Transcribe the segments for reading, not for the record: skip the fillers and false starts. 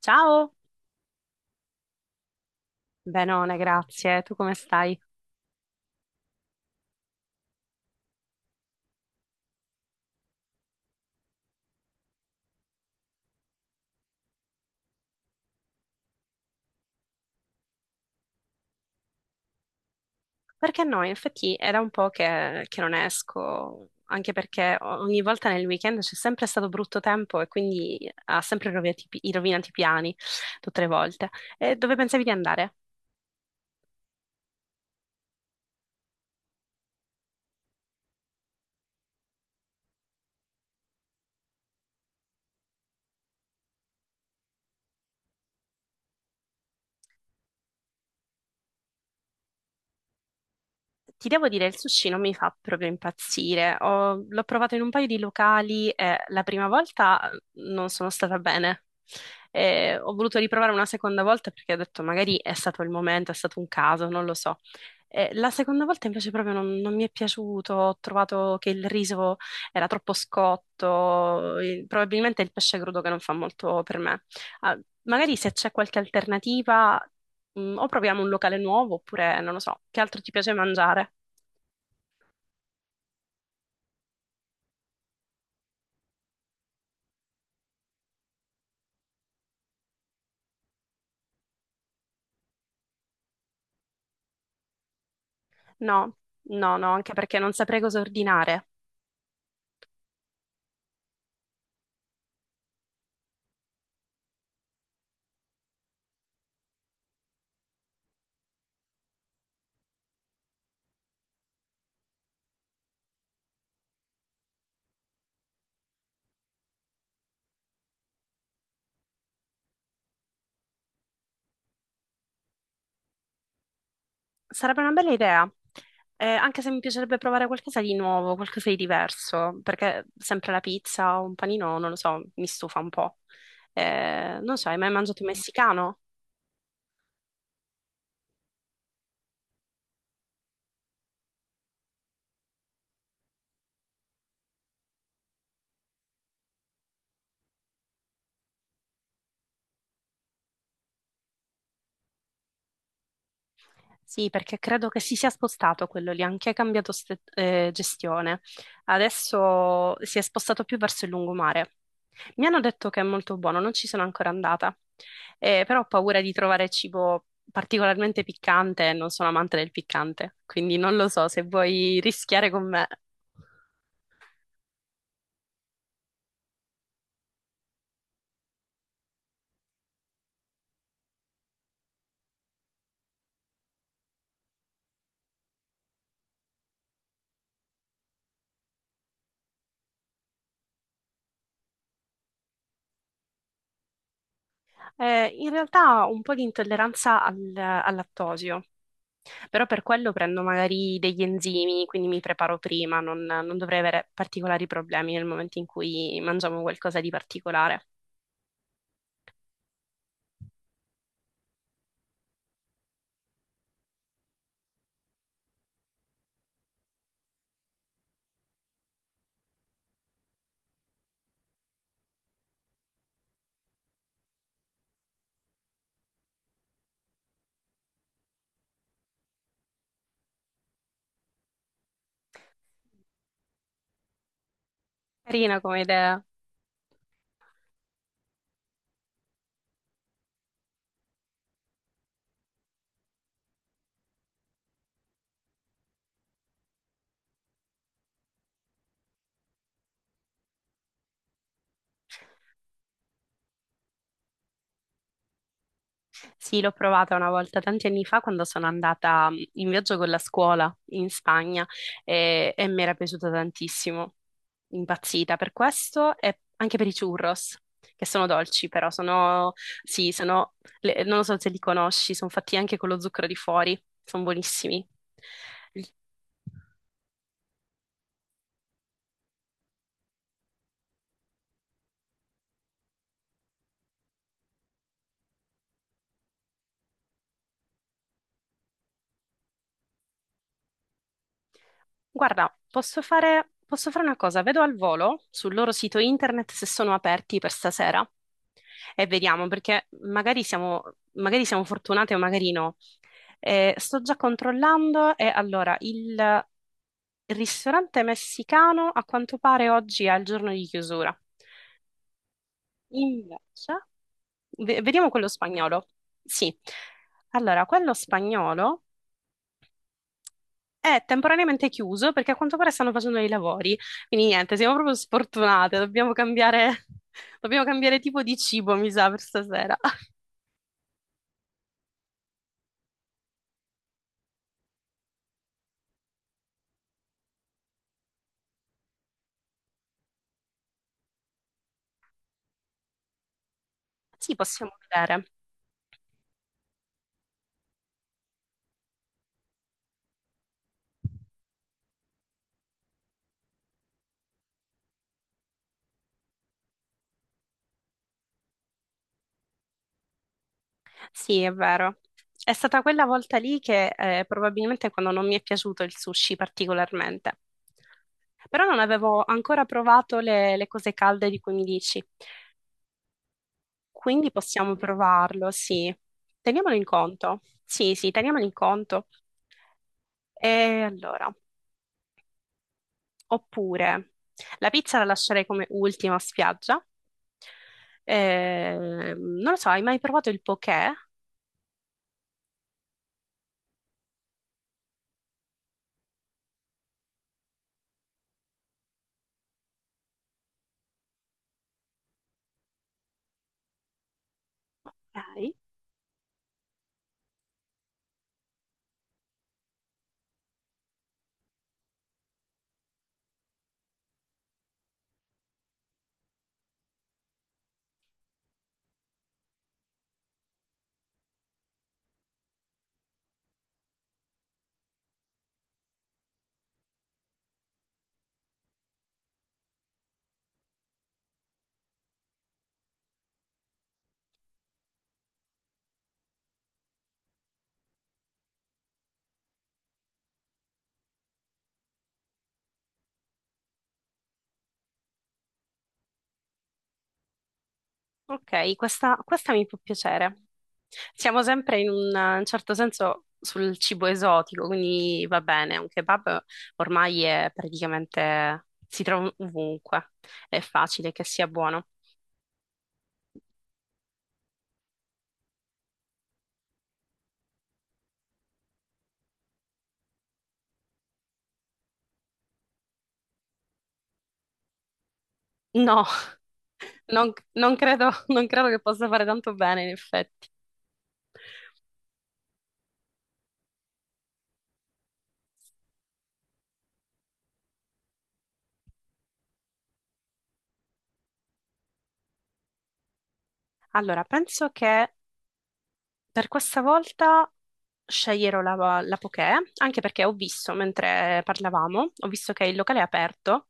Ciao, benone, grazie. Tu come stai? Perché no, in effetti era un po' che non esco, anche perché ogni volta nel weekend c'è sempre stato brutto tempo e quindi ha sempre rovinati i rovinati i piani, tutte le volte. E dove pensavi di andare? Ti devo dire, il sushi non mi fa proprio impazzire. L'ho provato in un paio di locali e la prima volta non sono stata bene. E ho voluto riprovare una seconda volta perché ho detto magari è stato il momento, è stato un caso, non lo so. E la seconda volta invece proprio non mi è piaciuto, ho trovato che il riso era troppo scotto, e probabilmente è il pesce crudo che non fa molto per me. Ah, magari se c'è qualche alternativa, o proviamo un locale nuovo, oppure non lo so, che altro ti piace mangiare? No, no, no, anche perché non saprei cosa ordinare. Sarebbe una bella idea, anche se mi piacerebbe provare qualcosa di nuovo, qualcosa di diverso, perché sempre la pizza o un panino, non lo so, mi stufa un po'. Non so, hai mai mangiato messicano? Sì, perché credo che si sia spostato quello lì, anche cambiato gestione. Adesso si è spostato più verso il lungomare. Mi hanno detto che è molto buono, non ci sono ancora andata. Però ho paura di trovare cibo particolarmente piccante e non sono amante del piccante, quindi non lo so se vuoi rischiare con me. In realtà ho un po' di intolleranza al lattosio, però per quello prendo magari degli enzimi, quindi mi preparo prima, non dovrei avere particolari problemi nel momento in cui mangiamo qualcosa di particolare. Carina come idea. Sì, l'ho provata una volta tanti anni fa quando sono andata in viaggio con la scuola in Spagna e mi era piaciuta tantissimo, impazzita per questo e anche per i churros, che sono dolci, però sono, sì, sono, non lo so se li conosci, sono fatti anche con lo zucchero di fuori, sono buonissimi. Guarda, posso fare una cosa, vedo al volo sul loro sito internet se sono aperti per stasera. E vediamo, perché magari siamo fortunate o magari no. Sto già controllando e allora il ristorante messicano a quanto pare oggi è il giorno di chiusura. Invece, vediamo quello spagnolo. Sì. Allora, quello spagnolo è temporaneamente chiuso perché a quanto pare stanno facendo dei lavori. Quindi niente, siamo proprio sfortunate, dobbiamo cambiare, dobbiamo cambiare tipo di cibo, mi sa, per stasera. Sì, possiamo vedere. Sì, è vero. È stata quella volta lì che probabilmente quando non mi è piaciuto il sushi particolarmente. Però non avevo ancora provato le cose calde di cui mi dici. Quindi possiamo provarlo, sì. Teniamolo in conto. Sì, sì, teniamolo in conto. E allora, oppure la pizza la lascerei come ultima spiaggia. Non lo so, hai mai provato il poké? Ok. Ok, questa mi può piacere. Siamo sempre in un certo senso sul cibo esotico, quindi va bene, un kebab ormai è praticamente si trova ovunque, è facile che sia buono. No, non credo che possa fare tanto bene, in effetti. Allora, penso che per questa volta sceglierò la poké, anche perché ho visto, mentre parlavamo, ho visto che il locale è aperto,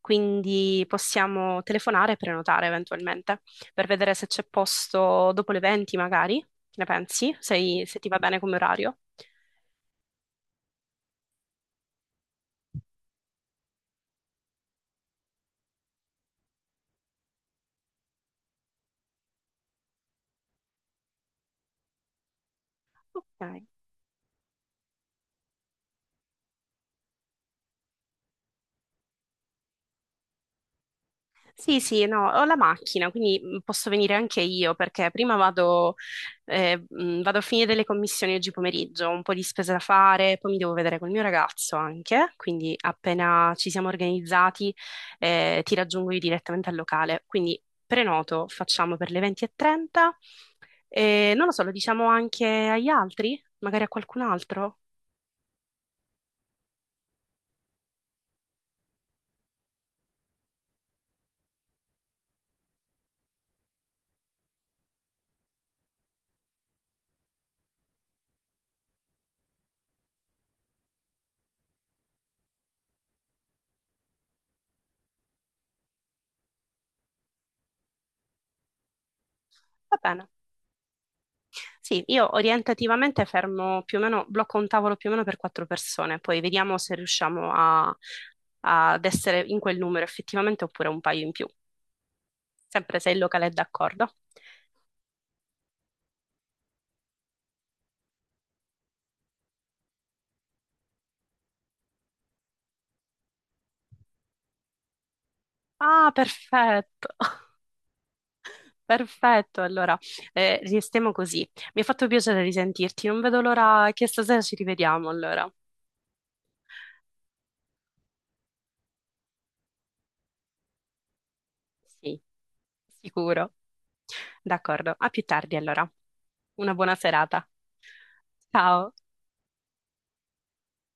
quindi possiamo telefonare e prenotare eventualmente, per vedere se c'è posto dopo le 20 magari. Che ne pensi? Se ti va bene come orario? Ok. Sì, sì, no, ho la macchina, quindi posso venire anche io perché prima vado, vado a finire le commissioni oggi pomeriggio, ho un po' di spese da fare, poi mi devo vedere col mio ragazzo anche, quindi appena ci siamo organizzati, ti raggiungo io direttamente al locale. Quindi prenoto, facciamo per le 20:30 e trenta e non lo so, lo diciamo anche agli altri, magari a qualcun altro. Va bene. Sì, io orientativamente fermo più o meno, blocco un tavolo più o meno per quattro persone, poi vediamo se riusciamo ad essere in quel numero effettivamente oppure un paio in più, sempre se il locale è d'accordo. Ah, perfetto, perfetto, allora, restiamo così. Mi ha fatto piacere risentirti, non vedo l'ora che stasera ci rivediamo allora. Sì, sicuro. D'accordo, a più tardi allora. Una buona serata. Ciao.